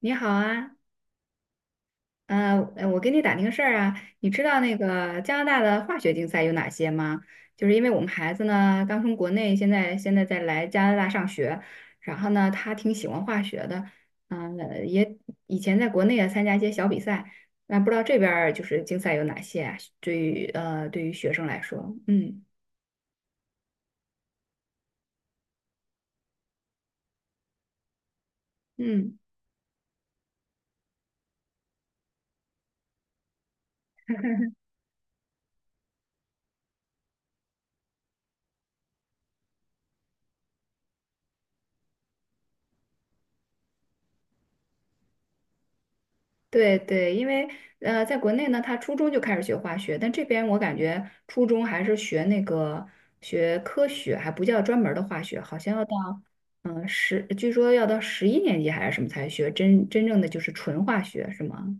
你好啊，我给你打听个事儿啊，你知道那个加拿大的化学竞赛有哪些吗？就是因为我们孩子呢刚从国内，现在在来加拿大上学，然后呢他挺喜欢化学的，也以前在国内也参加一些小比赛，那不知道这边儿就是竞赛有哪些啊对于对于学生来说，嗯嗯。对对，因为在国内呢，他初中就开始学化学，但这边我感觉初中还是学那个学科学，还不叫专门儿的化学，好像要到据说要到11年级还是什么才学真正的就是纯化学，是吗？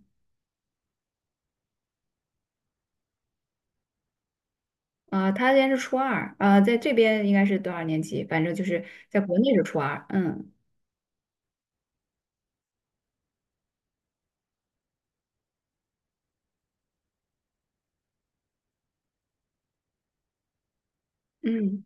啊、他现在是初二，啊、在这边应该是多少年级？反正就是在国内是初二，嗯嗯，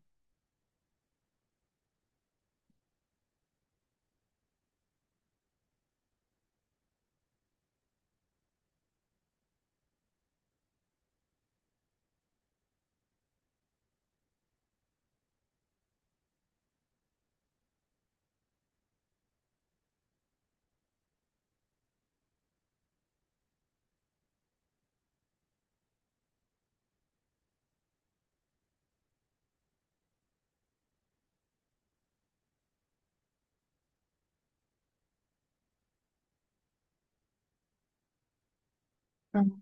嗯。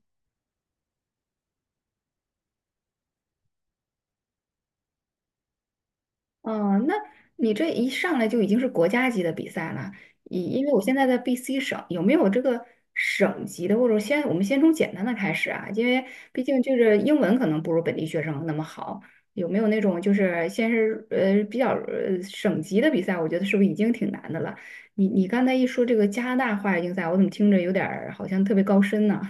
哦，那你这一上来就已经是国家级的比赛了，因为我现在在 BC 省，有没有这个省级的，或者我们先从简单的开始啊？因为毕竟就是英文可能不如本地学生那么好，有没有那种就是先是比较省级的比赛？我觉得是不是已经挺难的了？你刚才一说这个加拿大化学竞赛，我怎么听着有点儿好像特别高深呢？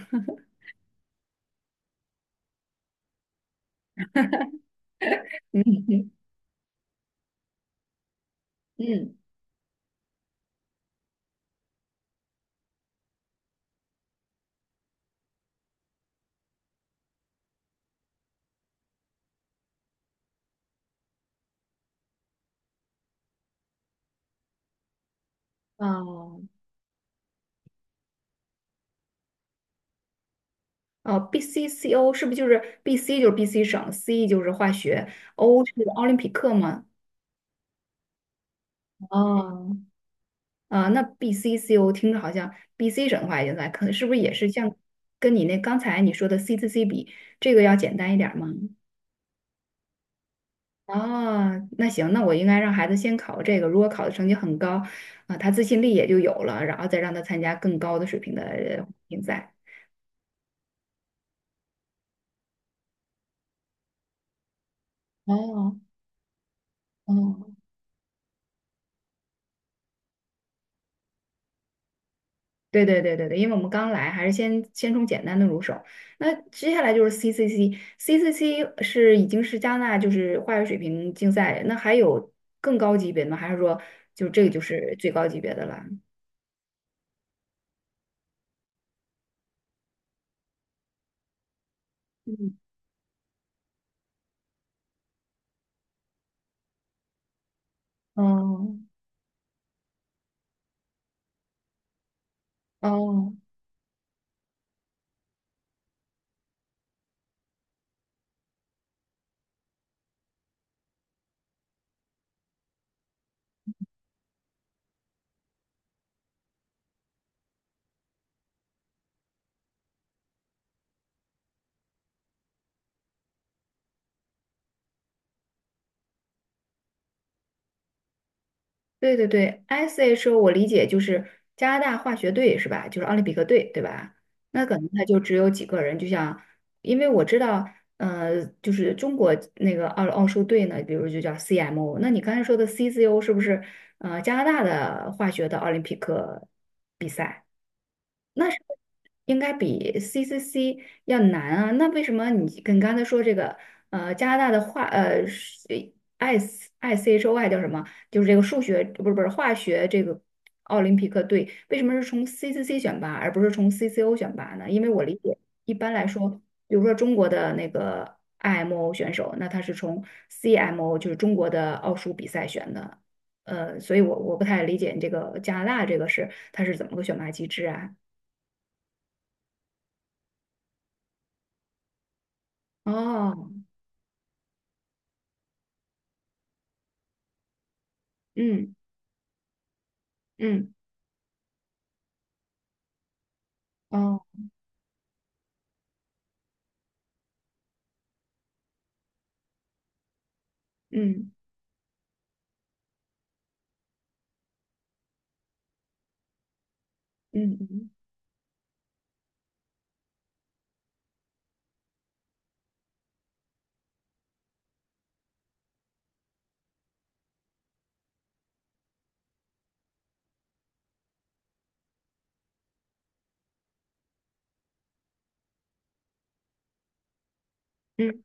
嗯，哦，哦 BCCO 是不是就是 BC 就是 BC 省，C 就是化学，O 是奥林匹克吗？哦，啊、那 BCCO 听着好像 BC 省的话也在，可能是不是也是像跟你那刚才你说的 CCC 比，这个要简单一点儿吗？哦，那行，那我应该让孩子先考这个，如果考的成绩很高，啊、他自信力也就有了，然后再让他参加更高的水平的竞赛。哦，哦，对对对对对，因为我们刚来，还是先从简单的入手。那接下来就是 CCC。CCC 是已经是加拿大就是化学水平竞赛，那还有更高级别的吗？还是说就这个就是最高级别的了？嗯。哦哦，对对对， SHO 我理解就是加拿大化学队是吧？就是奥林匹克队对吧？那可能他就只有几个人，就像因为我知道，就是中国那个奥数队呢，比如就叫 CMO，那你刚才说的 CCO 是不是加拿大的化学的奥林匹克，那是不是应该比 CCC 要难啊？那为什么你跟刚才说这个加拿大的是 I ICHOI 叫什么？就是这个数学不是不是化学这个奥林匹克队，为什么是从 CCC 选拔而不是从 CCO 选拔呢？因为我理解一般来说，比如说中国的那个 IMO 选手，那他是从 CMO 就是中国的奥数比赛选的。所以我不太理解你这个加拿大这个是它是怎么个选拔机制啊？哦，嗯嗯，哦，嗯嗯嗯嗯。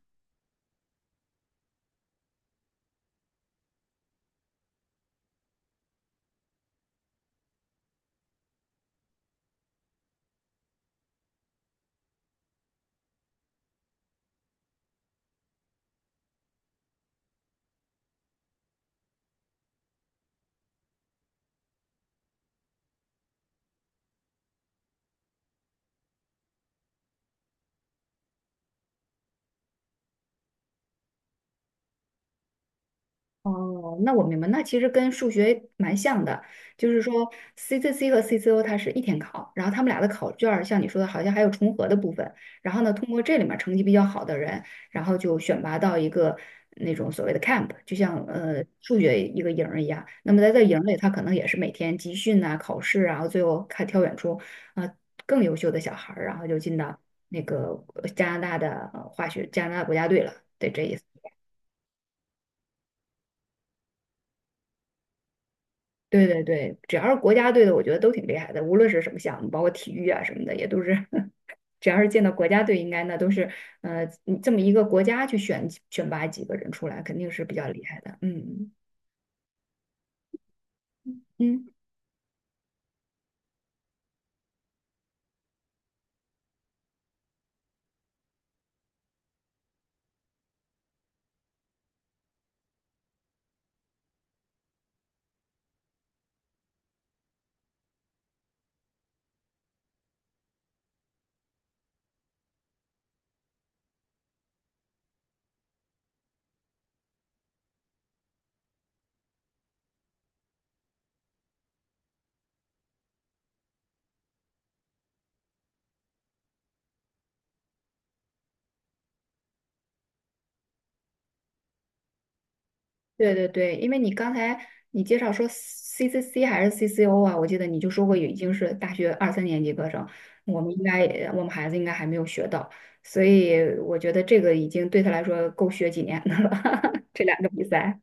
哦，那我明白，那其实跟数学蛮像的，就是说 CCC 和 CCO 它是一天考，然后他们俩的考卷儿像你说的，好像还有重合的部分。然后呢，通过这里面儿成绩比较好的人，然后就选拔到一个那种所谓的 camp，就像数学一个营儿一样。那么在这营儿里，他可能也是每天集训啊、考试啊，然后最后看挑选出啊、呃更优秀的小孩儿，然后就进到那个加拿大的化学加拿大国家队了，对，这意思。对对对，只要是国家队的，我觉得都挺厉害的，无论是什么项目，包括体育啊什么的，也都是，只要是见到国家队，应该那都是，你这么一个国家去选拔几个人出来，肯定是比较厉害的。嗯嗯，对对对，因为你刚才你介绍说 CCC 还是 CCO 啊，我记得你就说过已经是大学二三年级课程，我们应该也我们孩子应该还没有学到，所以我觉得这个已经对他来说够学几年的了，这两个比赛。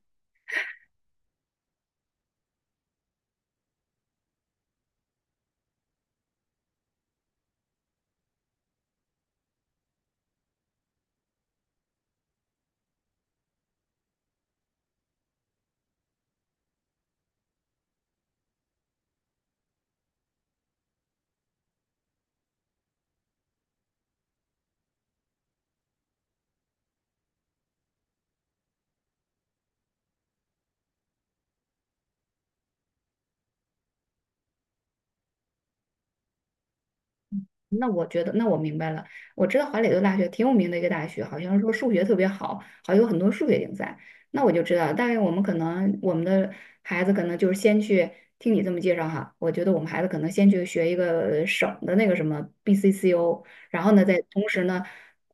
那我觉得，那我明白了。我知道华磊顿大学挺有名的一个大学，好像是说数学特别好，好像有很多数学竞赛。那我就知道，大概我们可能我们的孩子可能就是先去听你这么介绍哈，我觉得我们孩子可能先去学一个省的那个什么 BCCO，然后呢，再同时呢，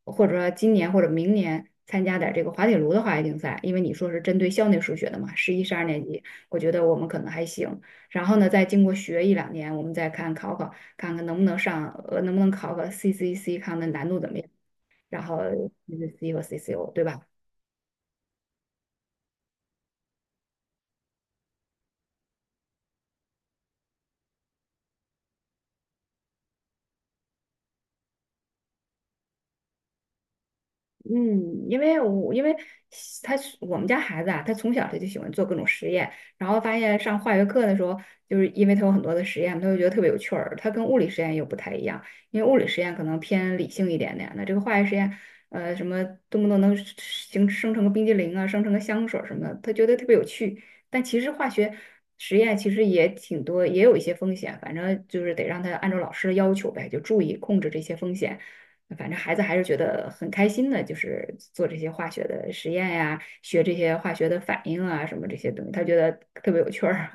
或者说今年或者明年参加点儿这个滑铁卢的化学竞赛，因为你说是针对校内数学的嘛，11、12年级，我觉得我们可能还行。然后呢，再经过学一两年，我们再看考考。看看能不能上，能不能考个 CCC，看看难度怎么样，然后 CCC 和 CCO，对吧？嗯，因为我因为他我们家孩子啊，他从小他就喜欢做各种实验，然后发现上化学课的时候，就是因为他有很多的实验，他就觉得特别有趣儿。他跟物理实验又不太一样，因为物理实验可能偏理性一点点，那这个化学实验，什么动不动能生成个冰激凌啊，生成个香水儿什么的，他觉得特别有趣。但其实化学实验其实也挺多，也有一些风险，反正就是得让他按照老师的要求呗，就注意控制这些风险。反正孩子还是觉得很开心的，就是做这些化学的实验呀，学这些化学的反应啊，什么这些东西，他觉得特别有趣儿。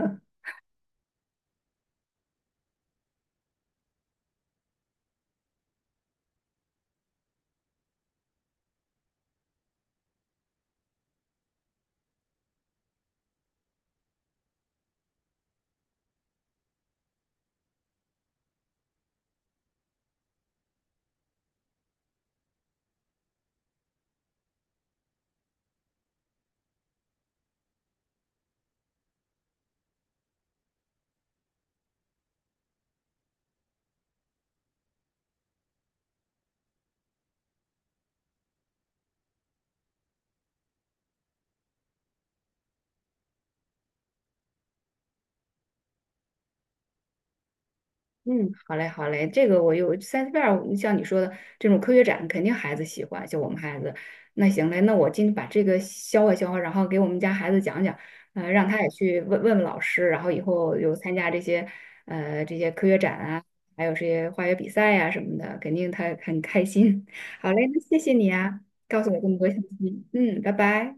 嗯，好嘞，好嘞，这个我有三 c i e 像你说的这种科学展，肯定孩子喜欢，就我们孩子。那行嘞，那我今天把这个消化消化，然后给我们家孩子讲讲，让他也去问问老师，然后以后有参加这些这些科学展啊，还有这些化学比赛呀、什么的，肯定他很开心。好嘞，那谢谢你啊，告诉我这么多信息。嗯，拜拜。